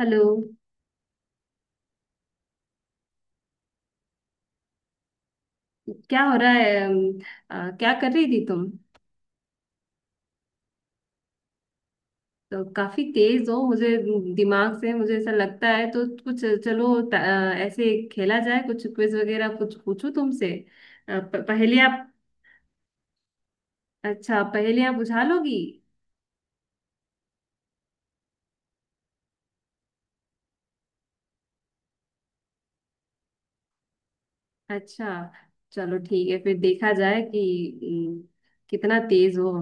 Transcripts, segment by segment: Hello. क्या हो रहा है? क्या कर रही थी तुम? तो काफी तेज हो मुझे दिमाग से, मुझे ऐसा लगता है। तो कुछ चलो ऐसे खेला जाए, कुछ क्विज वगैरह कुछ पूछूं तुमसे। पहेलियाँ। अच्छा, पहेलियाँ बुझा लोगी? अच्छा, चलो ठीक है, फिर देखा जाए कि कितना तेज हो।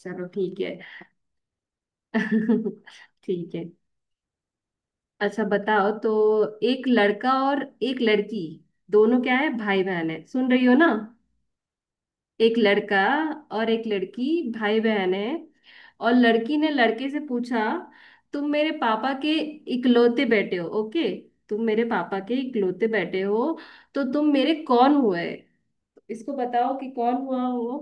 चलो ठीक है। ठीक है। अच्छा बताओ तो, एक लड़का और एक लड़की, दोनों क्या है, भाई बहन है, सुन रही हो ना। एक लड़का और एक लड़की, भाई बहन है। और लड़की ने लड़के से पूछा, तुम मेरे पापा के इकलौते बेटे हो, ओके। तुम मेरे पापा के इकलौते बेटे हो, तो तुम मेरे कौन हुए? इसको बताओ कि कौन हुआ वो।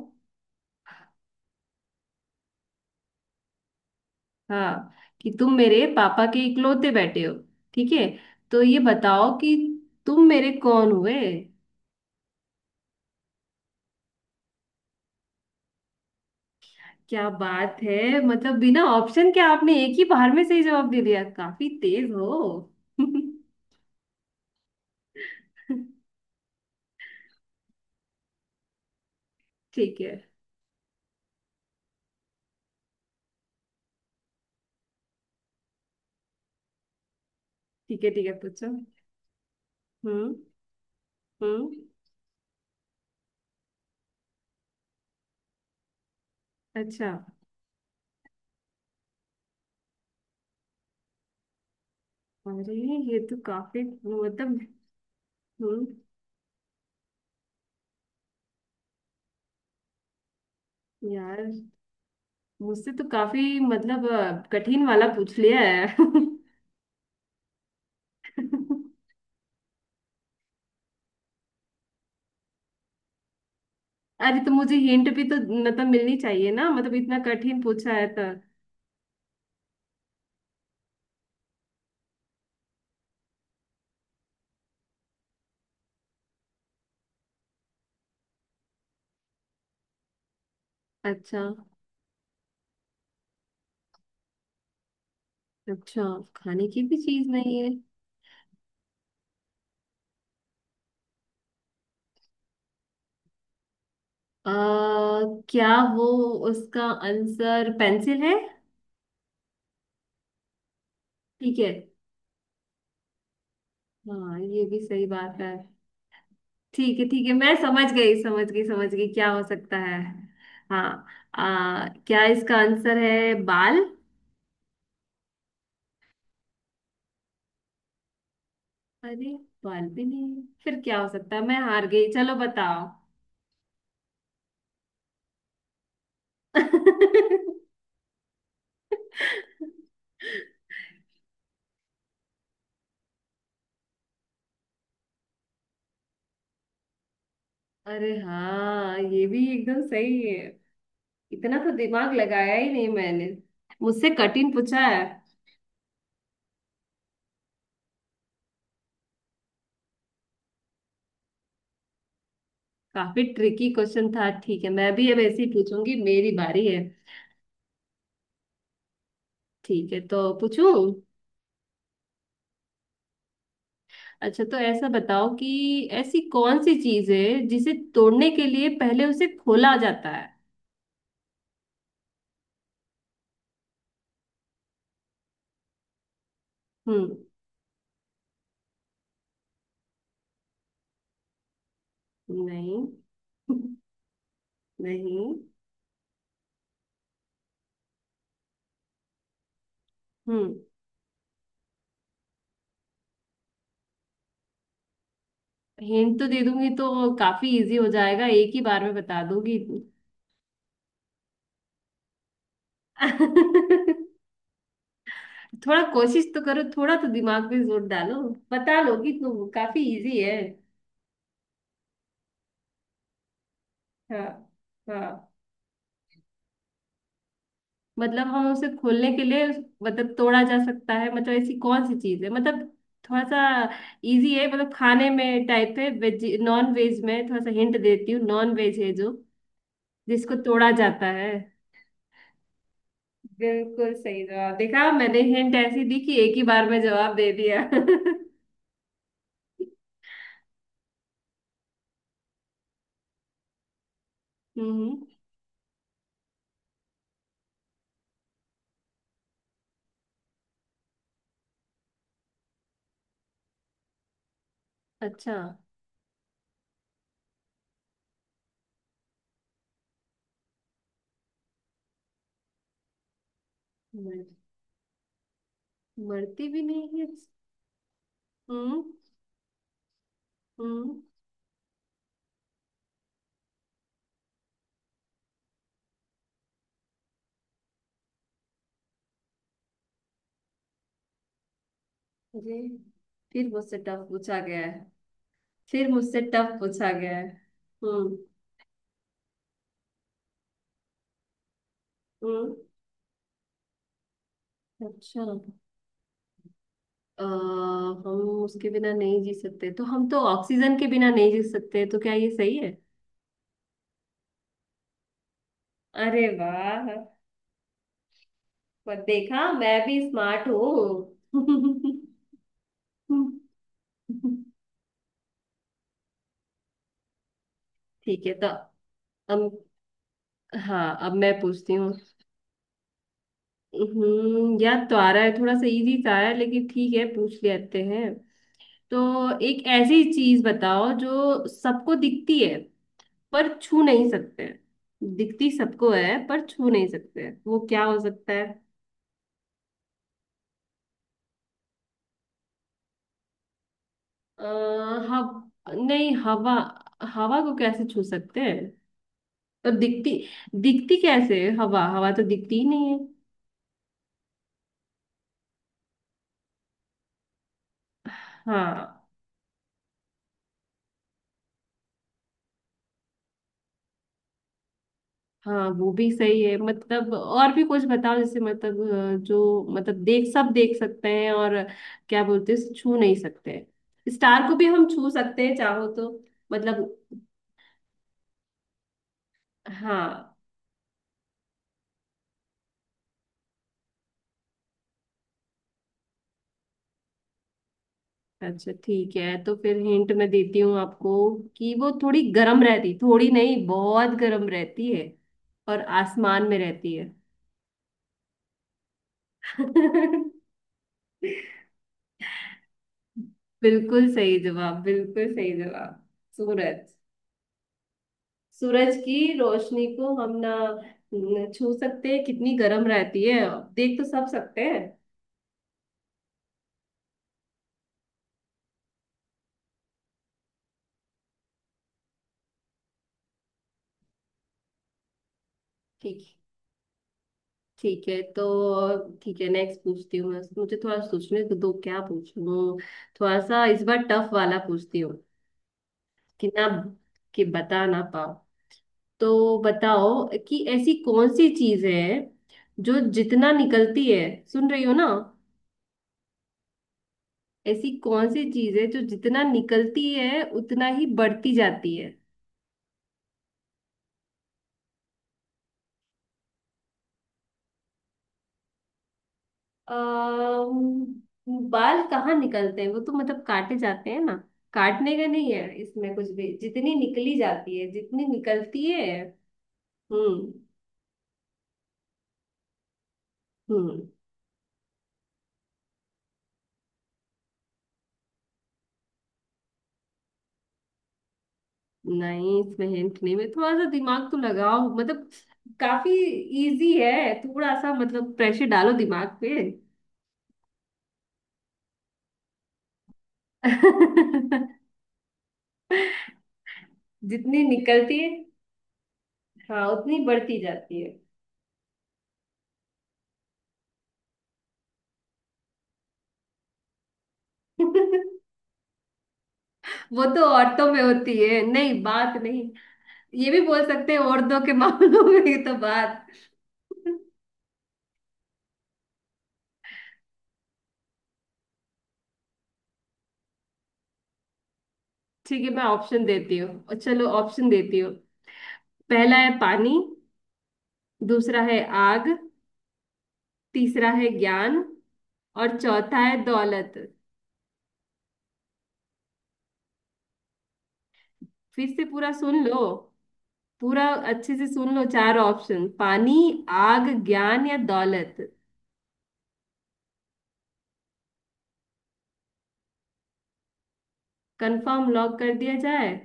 हाँ, कि तुम मेरे पापा के इकलौते बेटे हो, ठीक है, तो ये बताओ कि तुम मेरे कौन हुए? क्या बात है, मतलब बिना ऑप्शन के आपने एक ही बार में सही जवाब दे दिया, काफी तेज हो। ठीक है। ठीक है। पूछो। हम्म। हम्म। अच्छा। अरे, ये तो काफी मतलब। हम्म। यार, मुझसे तो काफी मतलब कठिन वाला पूछ लिया है। अरे, तो मुझे हिंट भी तो मतलब मिलनी चाहिए ना, मतलब इतना कठिन पूछा है तो। अच्छा। अच्छा, खाने की भी चीज नहीं है। आ, क्या वो, उसका आंसर पेंसिल है? ठीक है, हाँ ये भी सही बात है। ठीक है ठीक है, मैं समझ गई। क्या हो सकता है? हाँ, क्या इसका आंसर है बाल? अरे, बाल भी नहीं, फिर क्या हो सकता है? मैं हार गई, चलो बताओ। अरे हाँ, ये भी एकदम सही है। इतना तो दिमाग लगाया ही नहीं मैंने, मुझसे कठिन पूछा है। काफी ट्रिकी क्वेश्चन था। ठीक है, मैं भी अब ऐसे ही पूछूंगी, मेरी बारी है। ठीक है, तो पूछूं? अच्छा, तो ऐसा बताओ कि ऐसी कौन सी चीज है जिसे तोड़ने के लिए पहले उसे खोला जाता है? हम्म। नहीं। नहीं। हम्म। हिंट तो दे दूंगी तो काफी इजी हो जाएगा, एक ही बार में बता दूंगी। थोड़ा कोशिश तो करो, थोड़ा तो दिमाग पे जोर डालो। बता लोगी तुम, काफी इजी है। हाँ। हाँ, मतलब हम उसे खोलने के लिए मतलब तोड़ा जा सकता है, मतलब ऐसी कौन सी चीज है मतलब। थोड़ा सा इजी है, मतलब खाने में टाइप है, वेज नॉन वेज में थोड़ा सा हिंट देती हूँ, नॉन वेज है जो जिसको तोड़ा जाता है। बिल्कुल सही जवाब, देखा मैंने हिंट ऐसी दी कि एक ही बार में जवाब दे दिया। हम्म। अच्छा। मर, मरती भी नहीं है। हम्म। हम्म। अरे, फिर मुझसे टफ पूछा गया है। फिर मुझसे टफ पूछा गया है। हम्म। हम्म। अच्छा। हम उसके बिना नहीं जी सकते, तो हम तो ऑक्सीजन के बिना नहीं जी सकते, तो क्या ये सही है? अरे वाह, पर देखा, मैं भी स्मार्ट हूँ। ठीक है तो, अब हाँ, अब मैं पूछती हूँ। हम्म, याद तो आ रहा है, थोड़ा सा इजी था यार, लेकिन ठीक है, पूछ लेते हैं। तो एक ऐसी चीज बताओ जो सबको दिखती है पर छू नहीं सकते हैं। दिखती सबको है पर छू नहीं सकते हैं, वो क्या हो सकता है? आ, नहीं हवा। हवा को कैसे छू सकते हैं? तो दिखती, दिखती कैसे है? हवा, हवा तो दिखती ही नहीं है। हाँ। हाँ, वो भी सही है, मतलब और भी कुछ बताओ, जैसे मतलब जो मतलब देख, सब देख सकते हैं और क्या बोलते हैं, छू नहीं सकते हैं। स्टार को भी हम छू सकते हैं चाहो तो, मतलब। हाँ। अच्छा ठीक है, तो फिर हिंट मैं देती हूँ आपको, कि वो थोड़ी गर्म रहती, थोड़ी नहीं बहुत गर्म रहती है और आसमान में रहती है। बिल्कुल सही जवाब, बिल्कुल सही जवाब। सूरज, सूरज की रोशनी को हम ना छू सकते हैं, कितनी गर्म रहती है, देख तो सब सकते हैं। ठीक। ठीक है तो, ठीक है, नेक्स्ट पूछती हूँ मैं, मुझे थोड़ा सोचने दो दो, क्या पूछूं। थोड़ा सा इस बार टफ वाला पूछती हूँ, कि ना, कि बता ना पाओ। तो बताओ कि ऐसी कौन सी चीज है जो जितना निकलती है, सुन रही हो ना? ऐसी कौन सी चीज है जो जितना निकलती है उतना ही बढ़ती जाती है? बाल कहाँ निकलते हैं, वो तो मतलब काटे जाते हैं ना। काटने का नहीं है इसमें कुछ भी, जितनी निकली जाती है, जितनी निकलती है। हम्म। हम्म। नहीं, इसमें हिंट नहीं, मैं थोड़ा सा दिमाग तो लगाओ मतलब, काफी इजी है, थोड़ा सा मतलब प्रेशर डालो दिमाग पे। जितनी निकलती है, हाँ उतनी बढ़ती जाती है। वो तो औरतों में होती है, नहीं बात नहीं। ये भी बोल सकते हैं, औरतों के मामलों में ये तो बात। ठीक है, मैं ऑप्शन देती हूँ, चलो ऑप्शन देती हूँ। पहला है पानी, दूसरा है आग, तीसरा है ज्ञान, और चौथा है दौलत। फिर से पूरा सुन लो, पूरा अच्छे से सुन लो। चार ऑप्शन: पानी, आग, ज्ञान या दौलत। कंफर्म लॉक कर दिया जाए?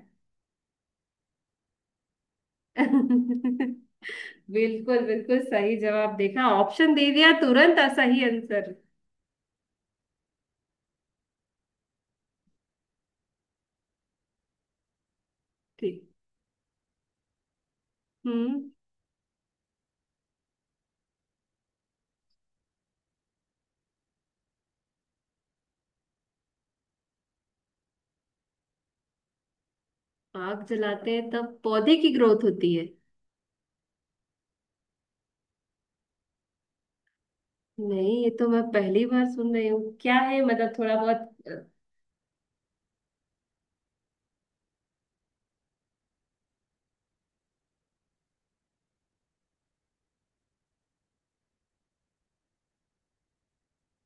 बिल्कुल बिल्कुल सही जवाब, देखा ऑप्शन दे दिया तुरंत आ सही आंसर। ठीक। हम्म। आग जलाते हैं तब पौधे की ग्रोथ होती है? नहीं, ये तो मैं पहली बार सुन रही हूँ। क्या है, मतलब थोड़ा बहुत।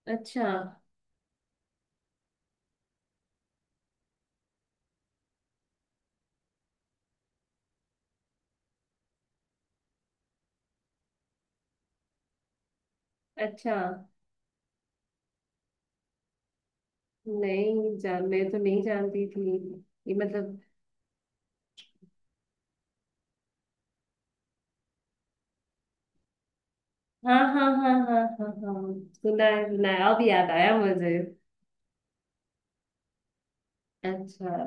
अच्छा। अच्छा। नहीं जान, मैं तो नहीं जानती थी। ये मतलब? हाँ हाँ हाँ हाँ हाँ हाँ, सुना है, सुना है, अब याद आया मुझे। अच्छा।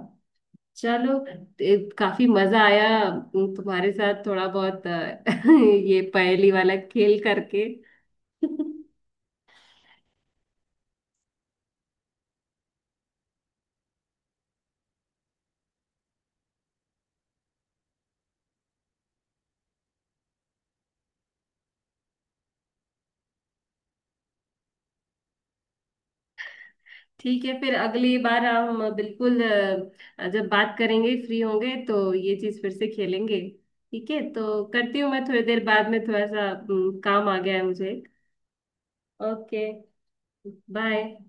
चलो, काफी मजा आया तुम्हारे साथ थोड़ा बहुत ये पहेली वाला खेल करके। ठीक है, फिर अगली बार हम बिल्कुल जब बात करेंगे, फ्री होंगे तो ये चीज फिर से खेलेंगे। ठीक है, तो करती हूँ मैं थोड़ी देर बाद में, थोड़ा सा काम आ गया है मुझे। ओके। बाय।